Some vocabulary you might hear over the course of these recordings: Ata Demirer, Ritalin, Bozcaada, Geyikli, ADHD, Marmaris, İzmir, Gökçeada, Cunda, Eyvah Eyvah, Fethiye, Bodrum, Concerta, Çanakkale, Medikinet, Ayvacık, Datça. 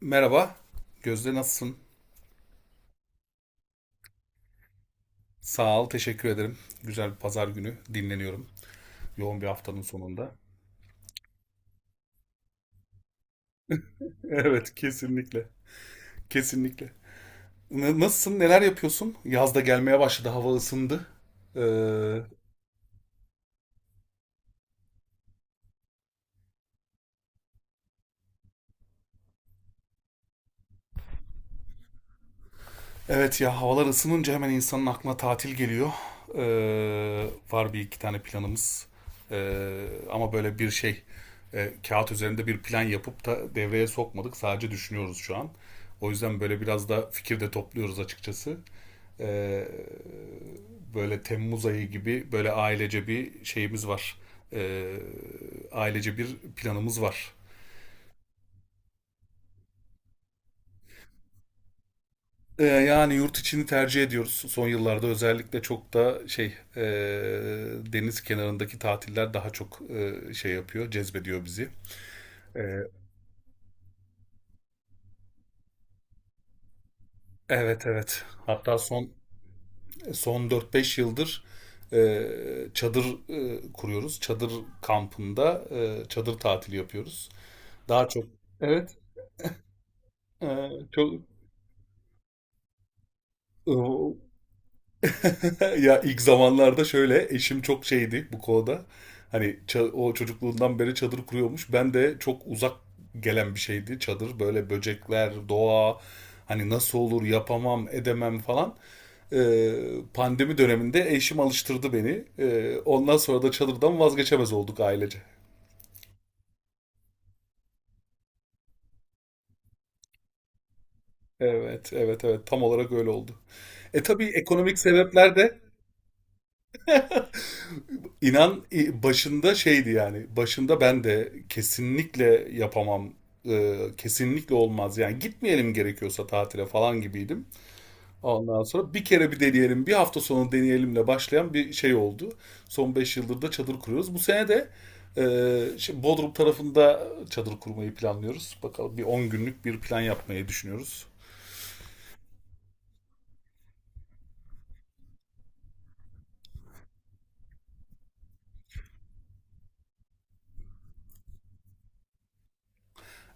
Merhaba. Gözde, nasılsın? Sağ ol, teşekkür ederim. Güzel bir pazar günü dinleniyorum. Yoğun bir haftanın sonunda. Evet, kesinlikle. Kesinlikle. Nasılsın? Neler yapıyorsun? Yaz da gelmeye başladı. Hava ısındı. Ee, evet ya, havalar ısınınca hemen insanın aklına tatil geliyor. Var bir iki tane planımız. Ama böyle bir şey, kağıt üzerinde bir plan yapıp da devreye sokmadık. Sadece düşünüyoruz şu an. O yüzden böyle biraz da fikir de topluyoruz açıkçası. e, Böyle Temmuz ayı gibi böyle ailece bir şeyimiz var. E, Ailece bir planımız var. Yani yurt içini tercih ediyoruz. Son yıllarda özellikle çok da şey, deniz kenarındaki tatiller daha çok şey yapıyor, cezbediyor bizi. E, evet, evet. Hatta son dört beş yıldır e, çadır kuruyoruz. Çadır kampında çadır tatili yapıyoruz. Daha çok. Evet. e, Çok. Oo. Ya, ilk zamanlarda şöyle eşim çok şeydi bu konuda. Hani o çocukluğundan beri çadır kuruyormuş. Ben de çok uzak gelen bir şeydi çadır. Böyle böcekler, doğa, hani nasıl olur, yapamam, edemem falan. Ee, Pandemi döneminde eşim alıştırdı beni. Ondan sonra da çadırdan vazgeçemez olduk ailece. Evet, evet, evet. Tam olarak öyle oldu. Tabii ekonomik sebepler de. İnan, başında şeydi yani. Başında ben de kesinlikle yapamam, kesinlikle olmaz. Yani gitmeyelim gerekiyorsa tatile falan gibiydim. Ondan sonra bir kere bir deneyelim, bir hafta sonu deneyelimle başlayan bir şey oldu. Son 5 yıldır da çadır kuruyoruz. Bu sene de şey, Bodrum tarafında çadır kurmayı planlıyoruz. Bakalım, bir 10 günlük bir plan yapmayı düşünüyoruz.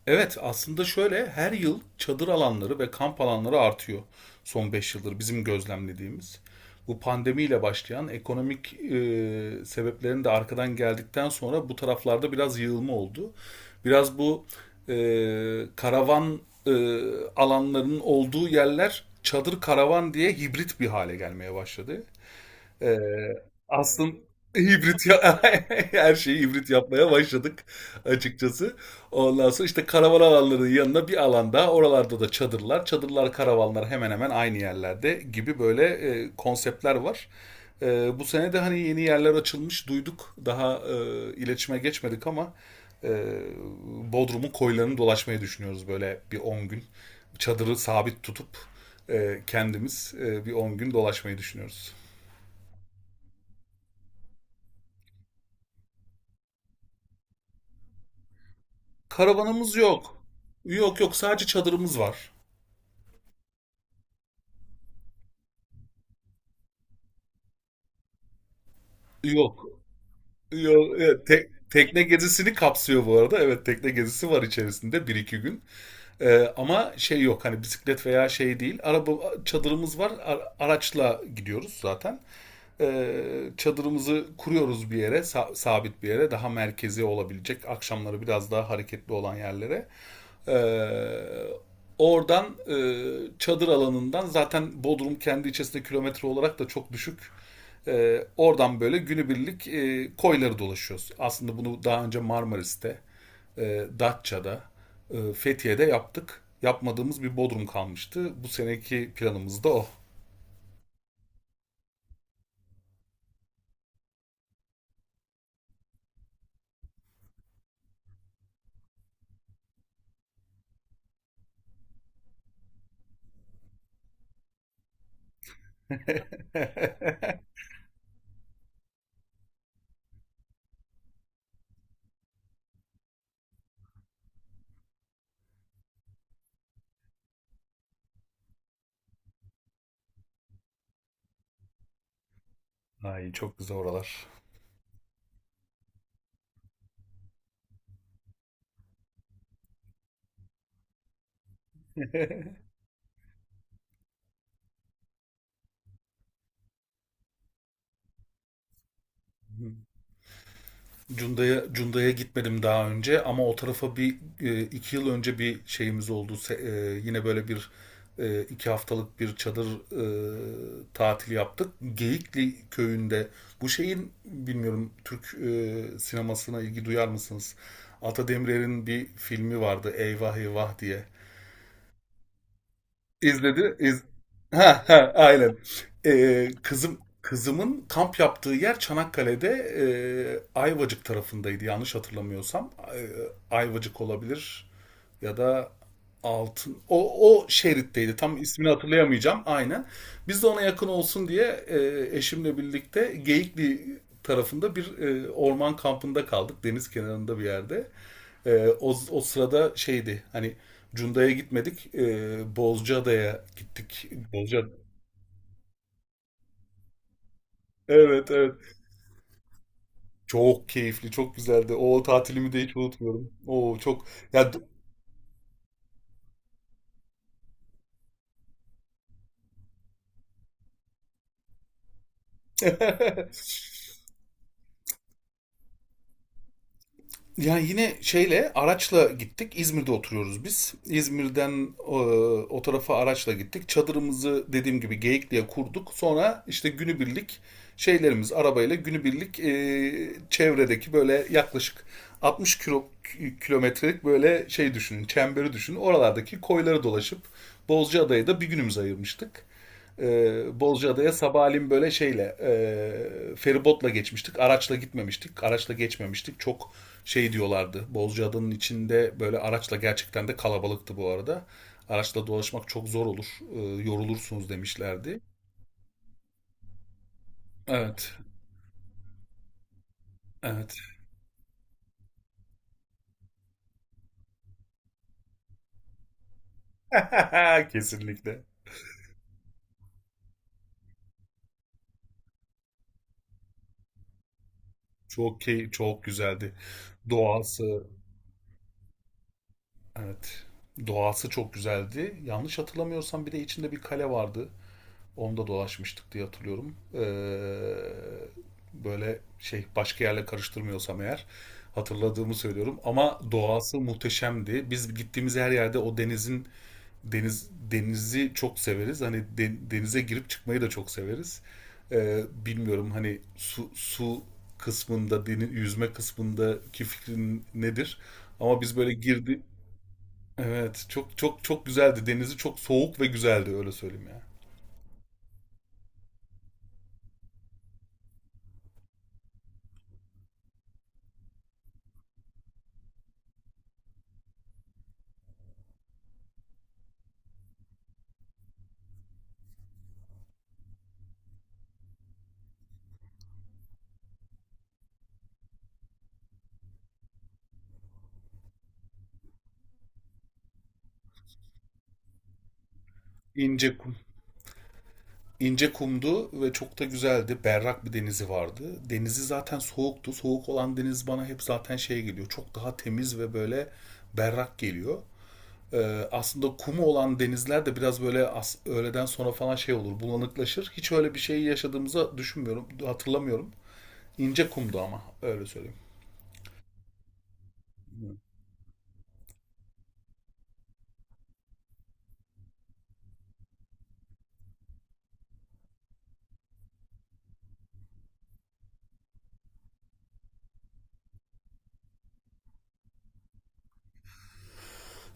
Evet, aslında şöyle her yıl çadır alanları ve kamp alanları artıyor, son 5 yıldır bizim gözlemlediğimiz. Bu pandemiyle başlayan ekonomik sebeplerin de arkadan geldikten sonra bu taraflarda biraz yığılma oldu. Biraz bu e, karavan e, alanlarının olduğu yerler çadır karavan diye hibrit bir hale gelmeye başladı. Eee, aslın, hibrit ya, her şeyi hibrit yapmaya başladık açıkçası. Ondan sonra işte karavan alanlarının yanına bir alanda oralarda da çadırlar. Çadırlar, karavanlar hemen hemen aynı yerlerde gibi böyle konseptler var. Bu sene de hani yeni yerler açılmış, duyduk. Daha iletişime geçmedik ama e, Bodrum'un koylarını dolaşmayı düşünüyoruz, böyle bir 10 gün. Çadırı sabit tutup kendimiz bir 10 gün dolaşmayı düşünüyoruz. Karavanımız yok. Yok, yok, sadece çadırımız var. Yok. Yok. Evet, tekne gezisini kapsıyor bu arada. Evet, tekne gezisi var içerisinde bir iki gün. Ama şey, yok hani bisiklet veya şey değil. Araba çadırımız var. Araçla gidiyoruz zaten. Çadırımızı kuruyoruz bir yere, sabit bir yere, daha merkezi olabilecek, akşamları biraz daha hareketli olan yerlere. Ee, Oradan çadır alanından, zaten Bodrum kendi içerisinde kilometre olarak da çok düşük. Oradan böyle günübirlik koyları dolaşıyoruz. Aslında bunu daha önce Marmaris'te, Datça'da, Fethiye'de yaptık. Yapmadığımız bir Bodrum kalmıştı. Bu seneki planımız da o. Ay, çok güzel oralar. Cunda'ya gitmedim daha önce, ama o tarafa bir 2 yıl önce bir şeyimiz oldu. Yine böyle bir 2 haftalık bir çadır tatil yaptık. Geyikli köyünde, bu şeyin, bilmiyorum, Türk sinemasına ilgi duyar mısınız? Ata Demirer'in bir filmi vardı, Eyvah Eyvah diye. İzledi. Ha ha, aynen. Kızımın kamp yaptığı yer Çanakkale'de, e, Ayvacık tarafındaydı, yanlış hatırlamıyorsam. Ayvacık olabilir ya da Altın. O şeritteydi. Tam ismini hatırlayamayacağım. Aynen. Biz de ona yakın olsun diye eşimle birlikte Geyikli tarafında bir orman kampında kaldık, deniz kenarında bir yerde. O sırada şeydi, hani Cunda'ya gitmedik. Bozcaada'ya gittik. Bozca. Evet, evet. Çok keyifli, çok güzeldi. O tatilimi de hiç unutmuyorum. Oo, çok ya. Yani yine şeyle, araçla gittik. İzmir'de oturuyoruz biz. İzmir'den o tarafa araçla gittik. Çadırımızı, dediğim gibi, Geyikli'ye kurduk. Sonra işte günübirlik şeylerimiz, arabayla günübirlik çevredeki, böyle yaklaşık 60 kilometrelik böyle şey düşünün, çemberi düşünün. Oralardaki koyları dolaşıp Bozcaada'ya da bir günümüz ayırmıştık. Bozcaada'ya sabahleyin böyle şeyle, feribotla geçmiştik. Araçla gitmemiştik. Araçla geçmemiştik. Çok şey diyorlardı. Bozcaada'nın içinde böyle araçla, gerçekten de kalabalıktı bu arada. Araçla dolaşmak çok zor olur, yorulursunuz demişlerdi. Evet. Evet. Kesinlikle. Çok güzeldi. Doğası, evet. Doğası çok güzeldi. Yanlış hatırlamıyorsam, bir de içinde bir kale vardı. Onda dolaşmıştık diye hatırlıyorum. Böyle şey, başka yerle karıştırmıyorsam eğer, hatırladığımı söylüyorum. Ama doğası muhteşemdi. Biz gittiğimiz her yerde o denizin deniz denizi çok severiz. Hani denize girip çıkmayı da çok severiz. Bilmiyorum, hani su kısmında, deniz yüzme kısmındaki fikrin nedir? Ama biz böyle girdi. Evet, çok çok çok güzeldi. Denizi çok soğuk ve güzeldi, öyle söyleyeyim ya. İnce kum. İnce kumdu ve çok da güzeldi. Berrak bir denizi vardı. Denizi zaten soğuktu. Soğuk olan deniz bana hep zaten şey geliyor. Çok daha temiz ve böyle berrak geliyor. Aslında kumu olan denizler de biraz böyle öğleden sonra falan şey olur, bulanıklaşır. Hiç öyle bir şey yaşadığımızı düşünmüyorum, hatırlamıyorum. İnce kumdu ama, öyle söyleyeyim.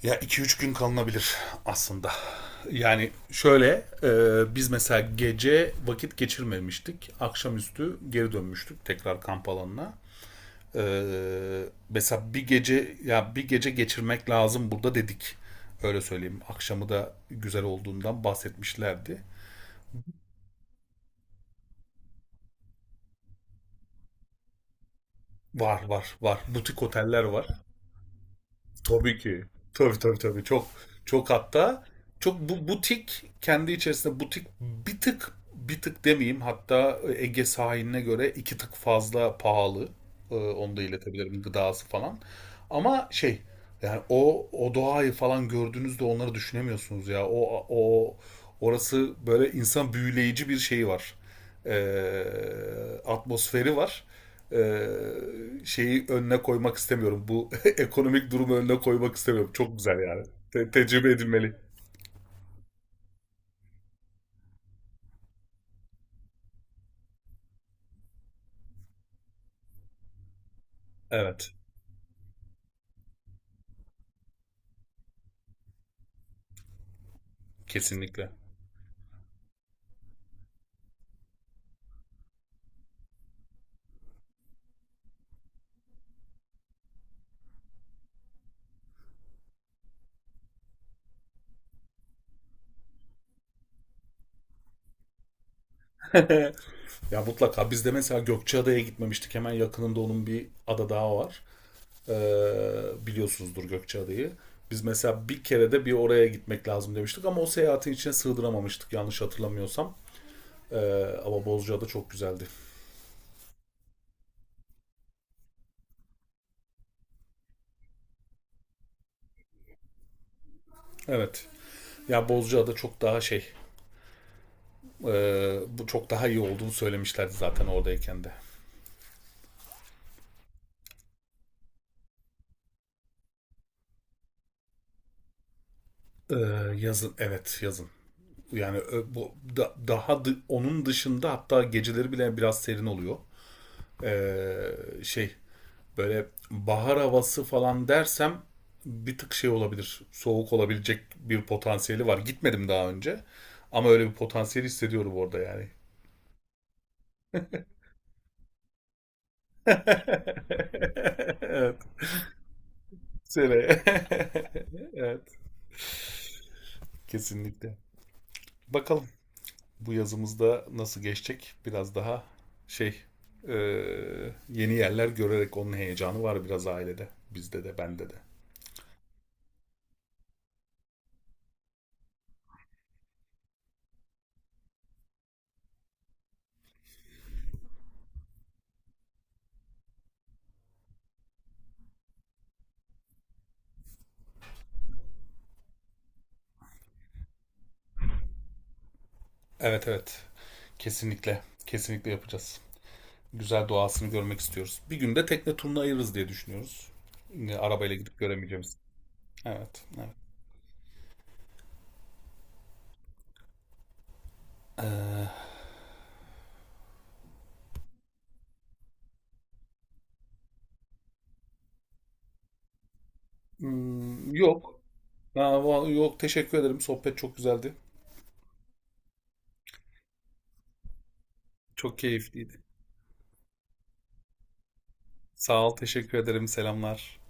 Ya, iki üç gün kalınabilir aslında. Yani şöyle, e, biz mesela gece vakit geçirmemiştik. Akşamüstü geri dönmüştük tekrar kamp alanına. Ee, mesela bir gece geçirmek lazım burada, dedik. Öyle söyleyeyim. Akşamı da güzel olduğundan bahsetmişlerdi. Var, var, var. Butik oteller var. Tabii ki. Tabii, tabii, tabii. Çok, çok, hatta çok, bu butik kendi içerisinde butik bir tık, bir tık demeyeyim, hatta Ege sahiline göre iki tık fazla pahalı. Onu da iletebilirim, gıdası falan. Ama şey, yani o doğayı falan gördüğünüzde onları düşünemiyorsunuz ya. O orası böyle insan, büyüleyici bir şeyi var, atmosferi var. E, şeyi önüne koymak istemiyorum. Bu ekonomik durumu önüne koymak istemiyorum. Çok güzel yani. Tecrübe edilmeli. Evet. Kesinlikle. Ya, mutlaka biz de mesela Gökçeada'ya gitmemiştik. Hemen yakınında onun bir ada daha var. Ee, biliyorsunuzdur Gökçeada'yı. Biz mesela bir kere de bir oraya gitmek lazım demiştik, ama o seyahatin içine sığdıramamıştık, yanlış hatırlamıyorsam. Ama Bozcaada çok güzeldi. Evet. Ya, Bozcaada çok daha şey. Bu çok daha iyi olduğunu söylemişlerdi zaten oradayken de. Ee, yazın, evet, yazın. Yani bu daha onun dışında hatta geceleri bile biraz serin oluyor. Şey, böyle bahar havası falan dersem bir tık şey olabilir. Soğuk olabilecek bir potansiyeli var. Gitmedim daha önce. Ama öyle bir potansiyel hissediyorum orada yani. Evet. Söyle. Evet. Kesinlikle. Bakalım. Bu yazımızda nasıl geçecek, biraz daha şey, e, yeni yerler görerek, onun heyecanı var biraz ailede. Bizde de, bende de. Evet, evet, kesinlikle, kesinlikle yapacağız. Güzel doğasını görmek istiyoruz. Bir günde tekne turuna ayırırız diye düşünüyoruz. Arabayla gidip göremeyeceğimiz. Evet, evet. Ee, hmm, yok. Ha, yok, teşekkür ederim. Sohbet çok güzeldi. Çok keyifliydi. Sağ ol, teşekkür ederim. Selamlar.